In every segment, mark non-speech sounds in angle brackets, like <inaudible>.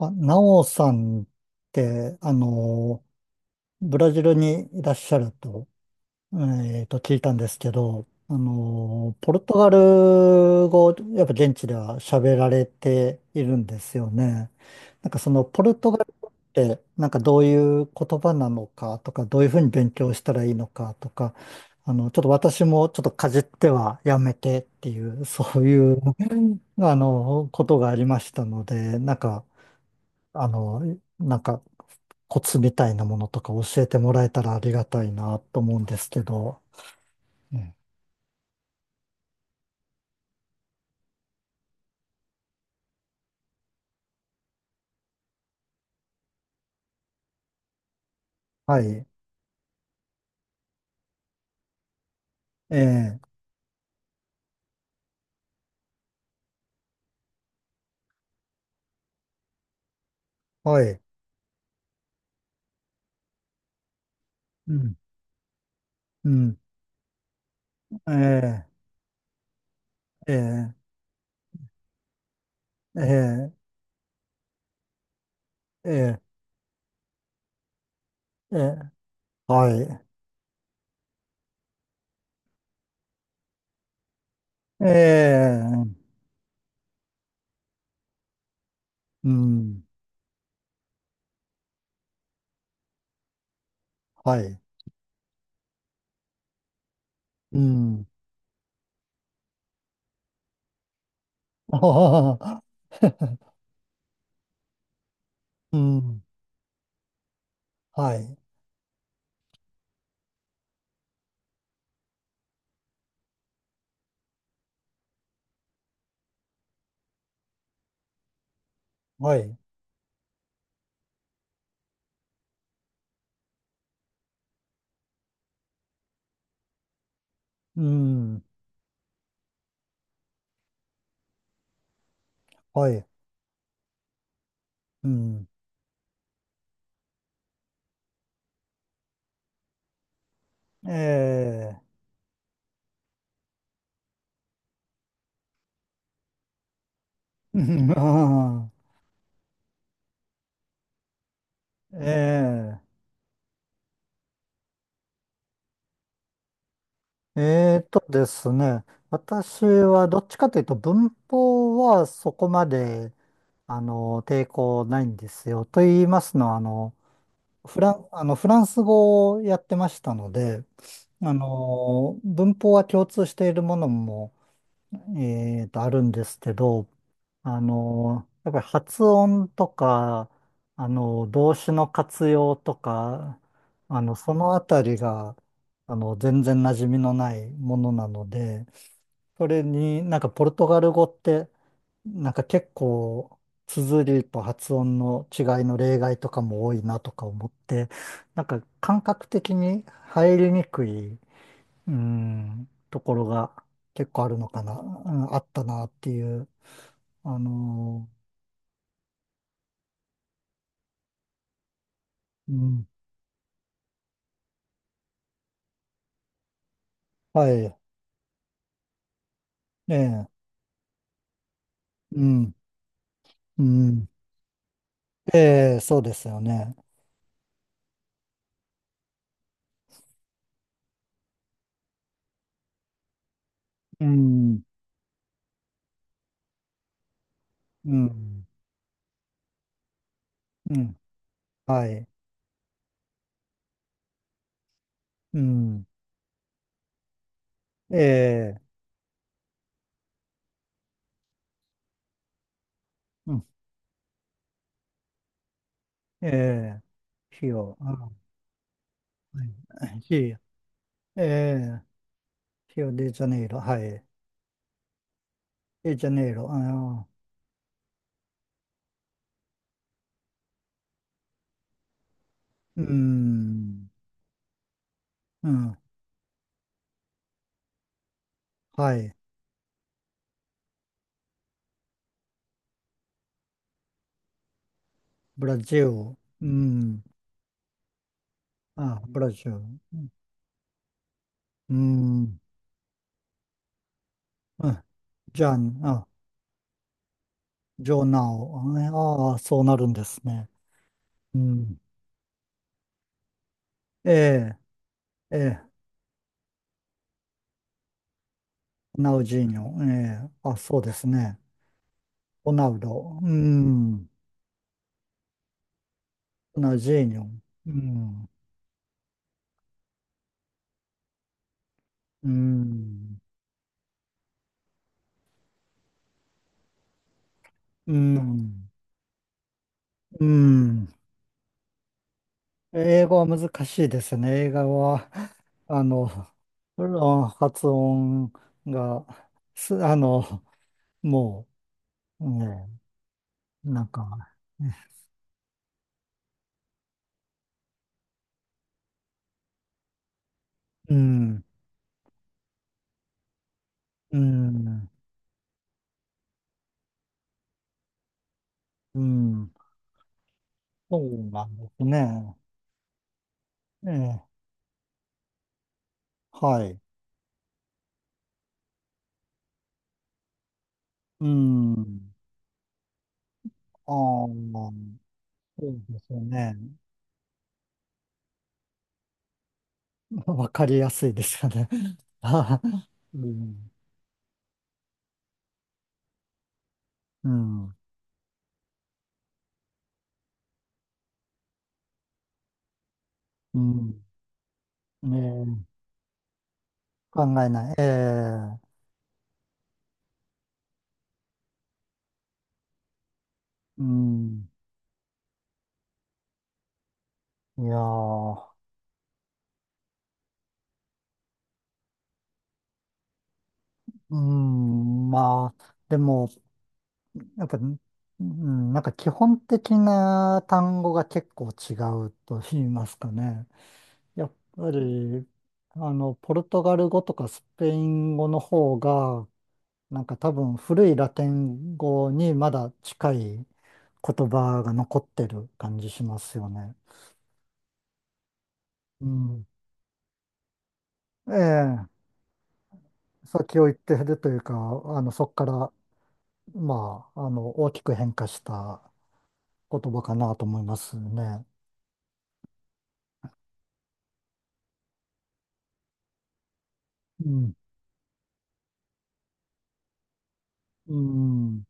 あ、ナオさんって、ブラジルにいらっしゃると、聞いたんですけど、ポルトガル語、やっぱ現地では喋られているんですよね。なんかそのポルトガル語って、なんかどういう言葉なのかとか、どういうふうに勉強したらいいのかとか、ちょっと私もちょっとかじってはやめてっていう、そういう、ことがありましたので、なんか、あの、なんかコツみたいなものとか教えてもらえたらありがたいなと思うんですけど。ええはい、ええ、はい、うん、うん、ええ、ええ、ええ、ええ、ええはい、ええ、うん、はい、うん、<laughs> あはははうん、はい、はい、うん、はい、うん、ええ、うんあはい。 <laughs> ええ、えーとですね、私はどっちかというと文法はそこまで抵抗ないんですよ。と言いますのはフランス語をやってましたので、文法は共通しているものもあるんですけど、やっぱり発音とか、動詞の活用とか、そのあたりが、全然馴染みのないものなので、それになんかポルトガル語って、なんか結構、綴りと発音の違いの例外とかも多いなとか思って、なんか感覚的に入りにくいところが結構あるのかな、あったなっていう。あのうん、はい、ええ、うん、うん、ええ、そうですよね。うん、うん、うん、はい、うん、ええ、うん、ええ、費用、あ、はい、費用、ええ、費用デジャネイロ、はい、デジャネイロ、あー、うん、うん、はい、ブラジル、うん、あ、ブラジル、うん。あじゃあ、あ、ジョーナウ。ああ、そうなるんですね。うん。ええ、ええ、ナウジーニョ。ええ、あ、そうですね。ロナウド。うん。ナウジーニョ。うん。うん。うん。うん。英語は難しいですね。映画は、あの、うん発音が、す、あの、もう、なんか、うん、うん。うん、そうなんですね。ええ、はい。うん。ああ、そうですよね。<laughs> わかりやすいですよね。<laughs> ああうん、うん、うん。ねえ、考えない。ええ、うん。いやー、うん、まあ、でも、やっぱ、うん、なんか基本的な単語が結構違うと言いますかね。やっぱり、ポルトガル語とかスペイン語の方が、なんか多分古いラテン語にまだ近い言葉が残ってる感じしますよね。うん。ええ、先を行ってるというか、そこから、まあ、大きく変化した言葉かなと思いますね。うん。うん。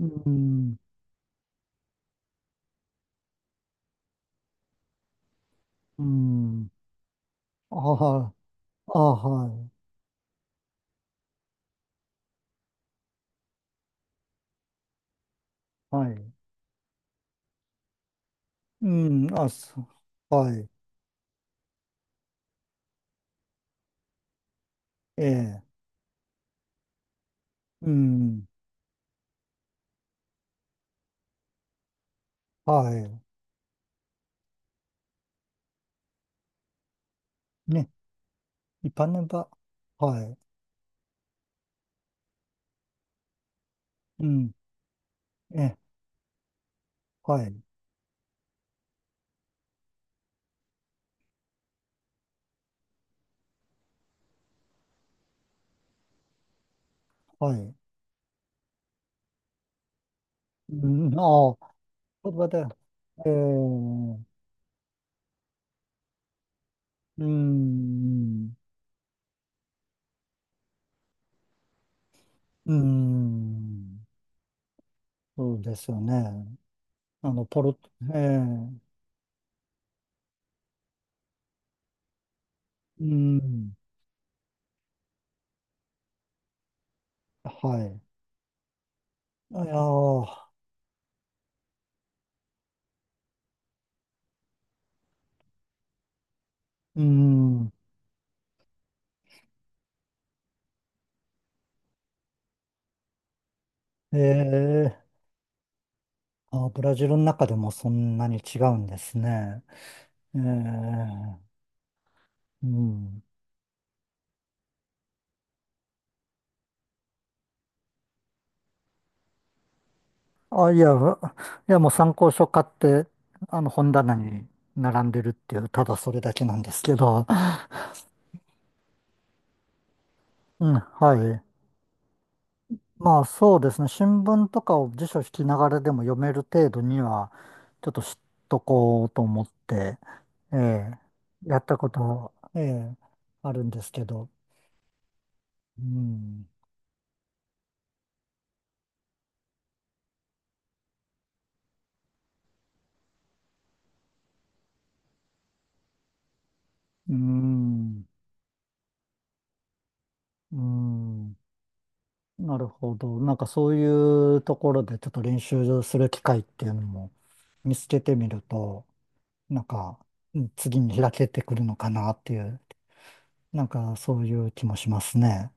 うん。うん。あはい。あはい。はい。うん。あ、そう。はい。ええ、うん、はい。ね、一般の場、はい、うん、ええ、はい、はい。うん、ああ、言葉で、ええ、うん、うん、そうですよね。ポロッと、ええ、うん、はい。あいやあ、うん、ええ、あ、ブラジルの中でもそんなに違うんですね。ええ、うん。あ、いや、いやもう参考書買って、本棚に並んでるっていう、ただそれだけなんですけど。うん、はい。まあそうですね。新聞とかを辞書引きながらでも読める程度には、ちょっと知っとこうと思って、ええ、やったこと、ええ、あるんですけど。うん、うん、うん。なるほど。なんかそういうところでちょっと練習する機会っていうのも見つけてみると、なんか、うん次に開けてくるのかなっていう、なんかそういう気もしますね。